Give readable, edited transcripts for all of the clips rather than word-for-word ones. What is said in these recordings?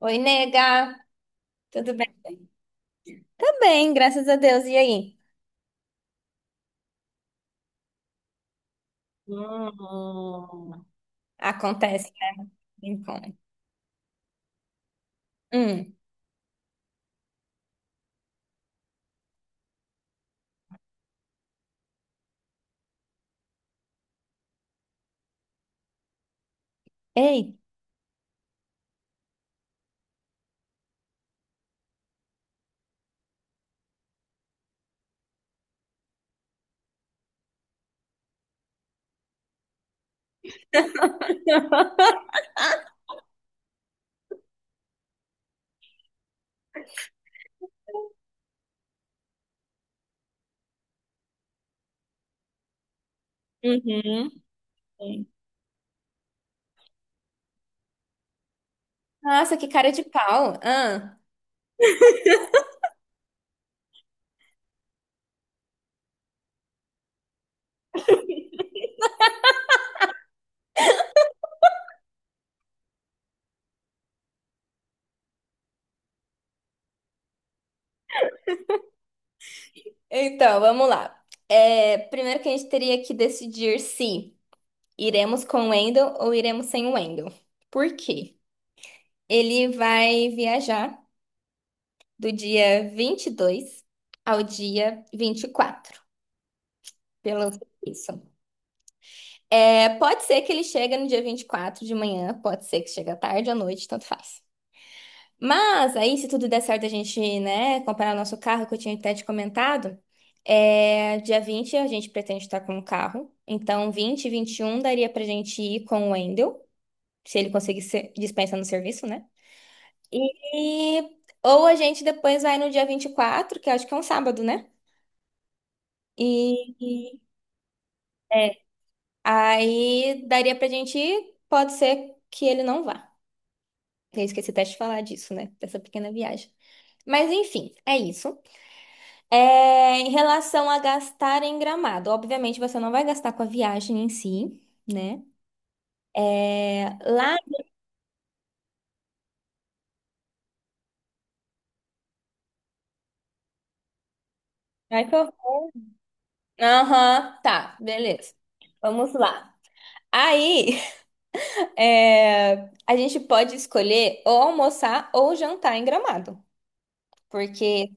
Oi, nega, tudo bem? Tá bem, graças a Deus. E aí? Hum. Acontece, né? Encontro. Hum. Ei. Uhum. Sim. Nossa, que cara de pau. Ah. Então, vamos lá. É, primeiro que a gente teria que decidir se iremos com o Wendel ou iremos sem o Wendel. Por quê? Ele vai viajar do dia 22 ao dia 24, pelo isso. É, pode ser que ele chegue no dia 24 de manhã, pode ser que chegue à tarde à noite, tanto faz. Mas aí, se tudo der certo, a gente, né, comprar o nosso carro, que eu tinha até te comentado, dia 20 a gente pretende estar com o carro. Então, 20 e 21 daria pra gente ir com o Wendel, se ele conseguir dispensa no serviço, né? E, ou a gente depois vai no dia 24, que eu acho que é um sábado, né? E, e- é, Aí daria pra gente ir, pode ser que ele não vá. Eu esqueci até de falar disso, né? Dessa pequena viagem. Mas enfim, é isso. É, em relação a gastar em Gramado, obviamente você não vai gastar com a viagem em si, né? É, lá vai pro- Aham, tá, beleza. Vamos lá. Aí, é, a gente pode escolher ou almoçar ou jantar em Gramado, porque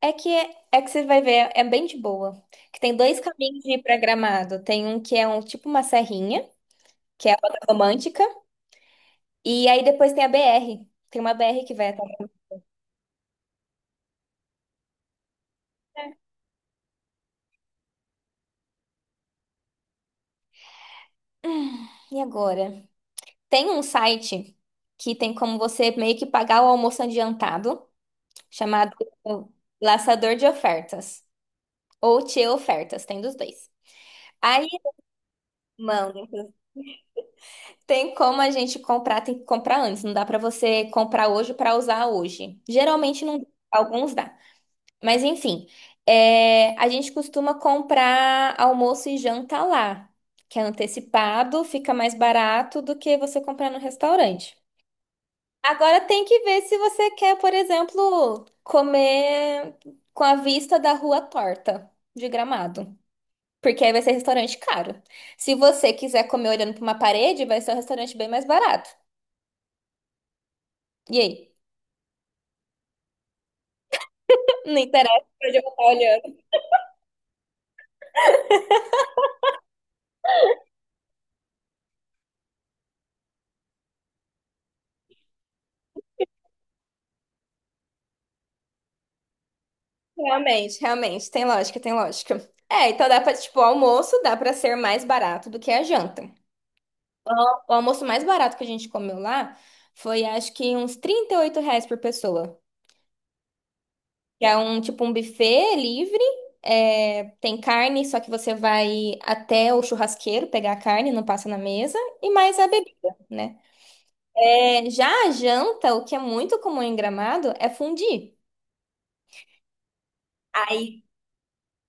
é que é que você vai ver, é bem de boa. Que tem dois caminhos de ir para Gramado. Tem um que é um tipo uma serrinha, que é a Rota Romântica. E aí depois tem a BR. Tem uma BR que vai até. E agora? Tem um site que tem como você meio que pagar o almoço adiantado, chamado Laçador de Ofertas. Ou Tio Ofertas, tem dos dois. Aí, mano, tem como a gente comprar, tem que comprar antes. Não dá pra você comprar hoje pra usar hoje. Geralmente não, alguns dá. Mas enfim, a gente costuma comprar almoço e janta lá, que é antecipado, fica mais barato do que você comprar no restaurante. Agora tem que ver se você quer, por exemplo, comer com a vista da rua torta de Gramado, porque aí vai ser restaurante caro. Se você quiser comer olhando para uma parede, vai ser um restaurante bem mais barato. E aí? Não interessa pra onde eu vou estar. Realmente, realmente, tem lógica, tem lógica. É, então dá pra, tipo, o almoço dá pra ser mais barato do que a janta. O almoço mais barato que a gente comeu lá foi, acho que, uns R$ 38 por pessoa. Que é um, tipo, um buffet livre, tem carne, só que você vai até o churrasqueiro pegar a carne, não passa na mesa, e mais a bebida, né? É, já a janta, o que é muito comum em Gramado, é fondue. Aí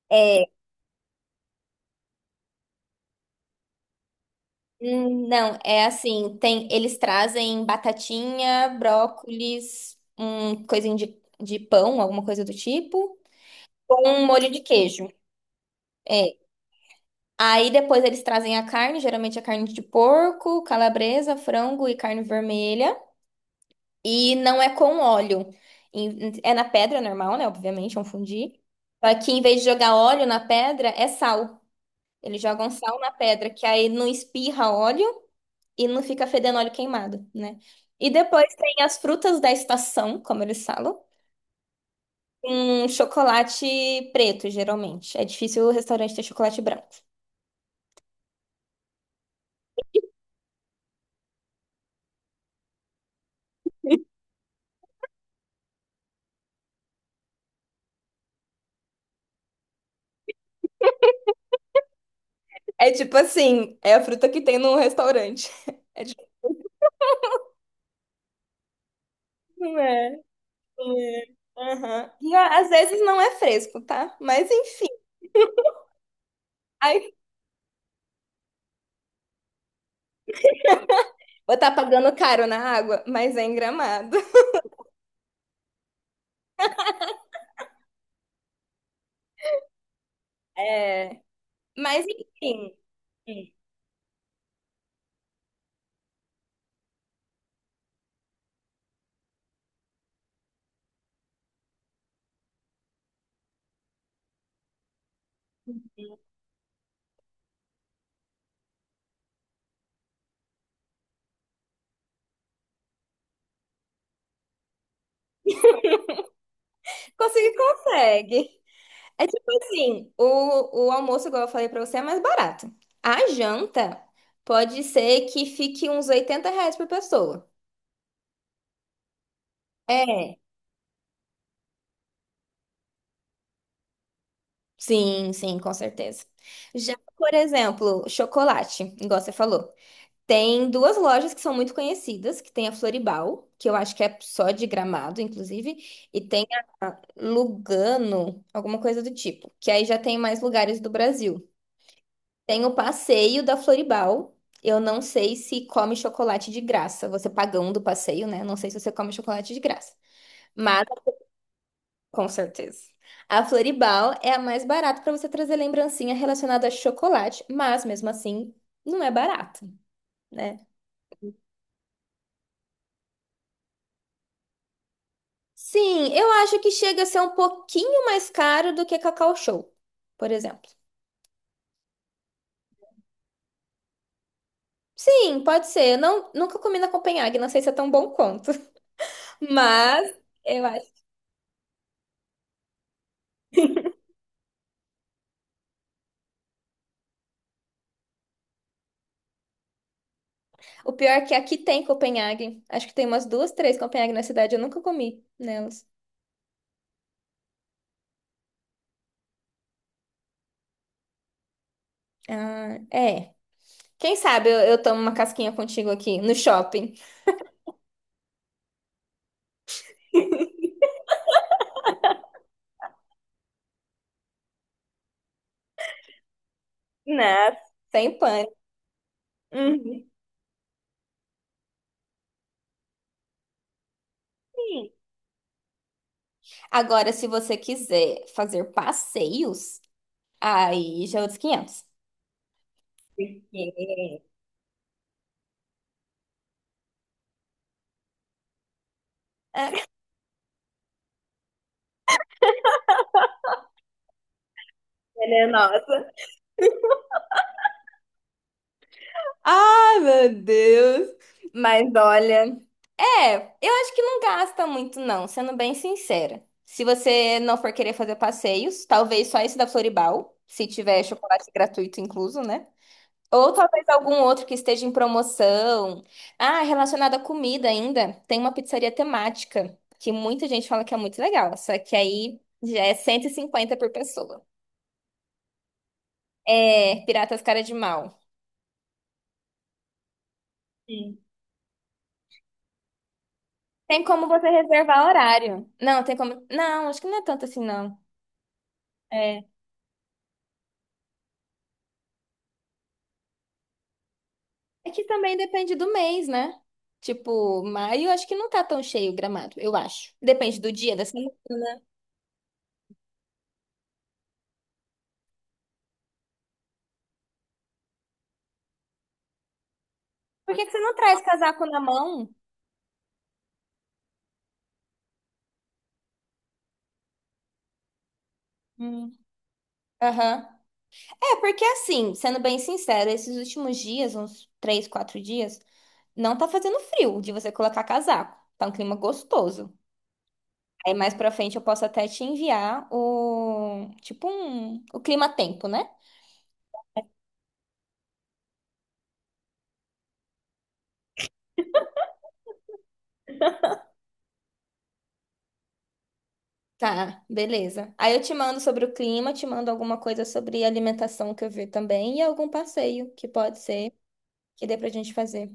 é, hum, não, é assim, tem, eles trazem batatinha, brócolis, um coisinho de pão, alguma coisa do tipo, com um molho de queijo. É. Aí depois eles trazem a carne, geralmente a carne de porco, calabresa, frango e carne vermelha. E não é com óleo. É na pedra normal, né? Obviamente, é um fundi. Só que em vez de jogar óleo na pedra, é sal. Eles jogam sal na pedra, que aí não espirra óleo. E não fica fedendo óleo queimado, né? E depois tem as frutas da estação, como eles falam, um chocolate preto, geralmente. É difícil o restaurante ter chocolate branco. É tipo assim, é a fruta que tem no restaurante. É tipo, não é, não é. Aham. E às vezes não é fresco, tá? Mas enfim. Aí, vou estar pagando caro na água, mas é em Gramado. É. Mas enfim. hum, Consegui, consegue. É tipo assim, o almoço, igual eu falei pra você, é mais barato. A janta pode ser que fique uns R$ 80 por pessoa. É, sim, sim, com certeza. Já, por exemplo, chocolate, igual você falou. Tem duas lojas que são muito conhecidas, que tem a Floribal, que eu acho que é só de Gramado, inclusive, e tem a Lugano, alguma coisa do tipo, que aí já tem mais lugares do Brasil. Tem o passeio da Floribal. Eu não sei se come chocolate de graça. Você pagando o passeio, né? Não sei se você come chocolate de graça. Mas, com certeza. A Floribal é a mais barata para você trazer lembrancinha relacionada a chocolate, mas mesmo assim, não é barato, né? Sim, eu acho que chega a ser um pouquinho mais caro do que Cacau Show, por exemplo. Sim, pode ser. Eu não, nunca comi na Copenhague, não sei se é tão bom quanto. Mas eu O pior é que aqui tem Copenhague. Acho que tem umas duas, três Copenhague na cidade. Eu nunca comi nelas. Ah, é. Quem sabe eu tomo uma casquinha contigo aqui no shopping. Né? Sem pânico. Uhum. Sim. Agora, se você quiser fazer passeios, aí já é outros 500. Porque ela é nossa. Ai, meu Deus. Mas olha. É, eu acho que não gasta muito, não, sendo bem sincera. Se você não for querer fazer passeios, talvez só esse da Floribal, se tiver chocolate gratuito incluso, né? Ou talvez algum outro que esteja em promoção. Ah, relacionado à comida ainda, tem uma pizzaria temática, que muita gente fala que é muito legal, só que aí já é 150 por pessoa. É, Piratas Cara de Mal. Sim. Tem como você reservar horário. Não, tem como. Não, acho que não é tanto assim, não. É, que também depende do mês, né? Tipo, maio acho que não tá tão cheio o Gramado, eu acho. Depende do dia da semana. Por que que você não traz casaco na mão? Hum. Aham. É, porque assim, sendo bem sincera, esses últimos dias, uns 3, 4 dias, não tá fazendo frio de você colocar casaco. Tá um clima gostoso. Aí mais pra frente eu posso até te enviar o, tipo um, o clima-tempo, né? Tá, beleza. Aí eu te mando sobre o clima, te mando alguma coisa sobre alimentação que eu vi também e algum passeio que pode ser que dê pra gente fazer.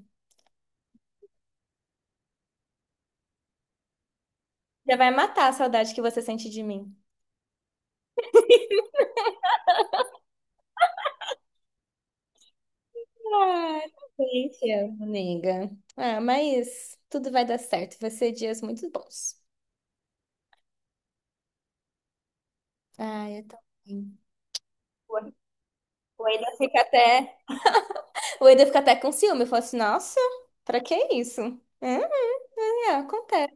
Já vai matar a saudade que você sente de mim. Ah, eu te amo, nega. Ah, mas tudo vai dar certo. Vai ser dias muito bons. Ah, eu também. O Eda fica até, o Eda fica até com ciúme. Eu falo assim, nossa, pra que isso? Hum, Acontece.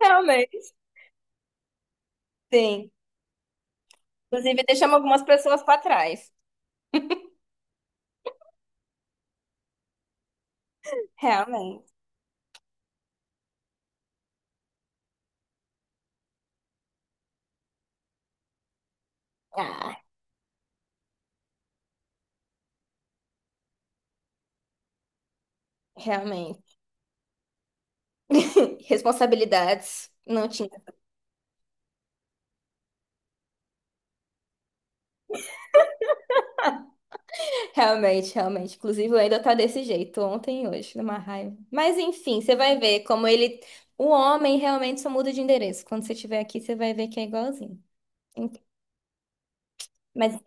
Realmente. Sim. Inclusive, deixamos algumas pessoas pra trás. Realmente. Ah, realmente. Responsabilidades. Não tinha. Realmente, realmente. Inclusive, o ainda tá desse jeito, ontem e hoje, numa raiva. Mas enfim, você vai ver como ele. O homem realmente só muda de endereço. Quando você estiver aqui, você vai ver que é igualzinho. Ent- Mas.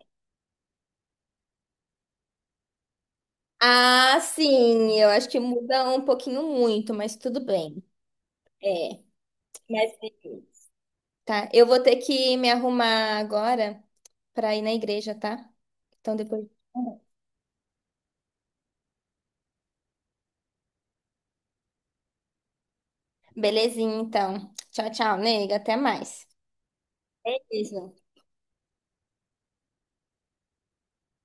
Ah, sim, eu acho que muda um pouquinho muito, mas tudo bem. É. Mas tá. Eu vou ter que me arrumar agora pra ir na igreja, tá? Então depois. Belezinha, então. Tchau, tchau, nega. Até mais. É isso.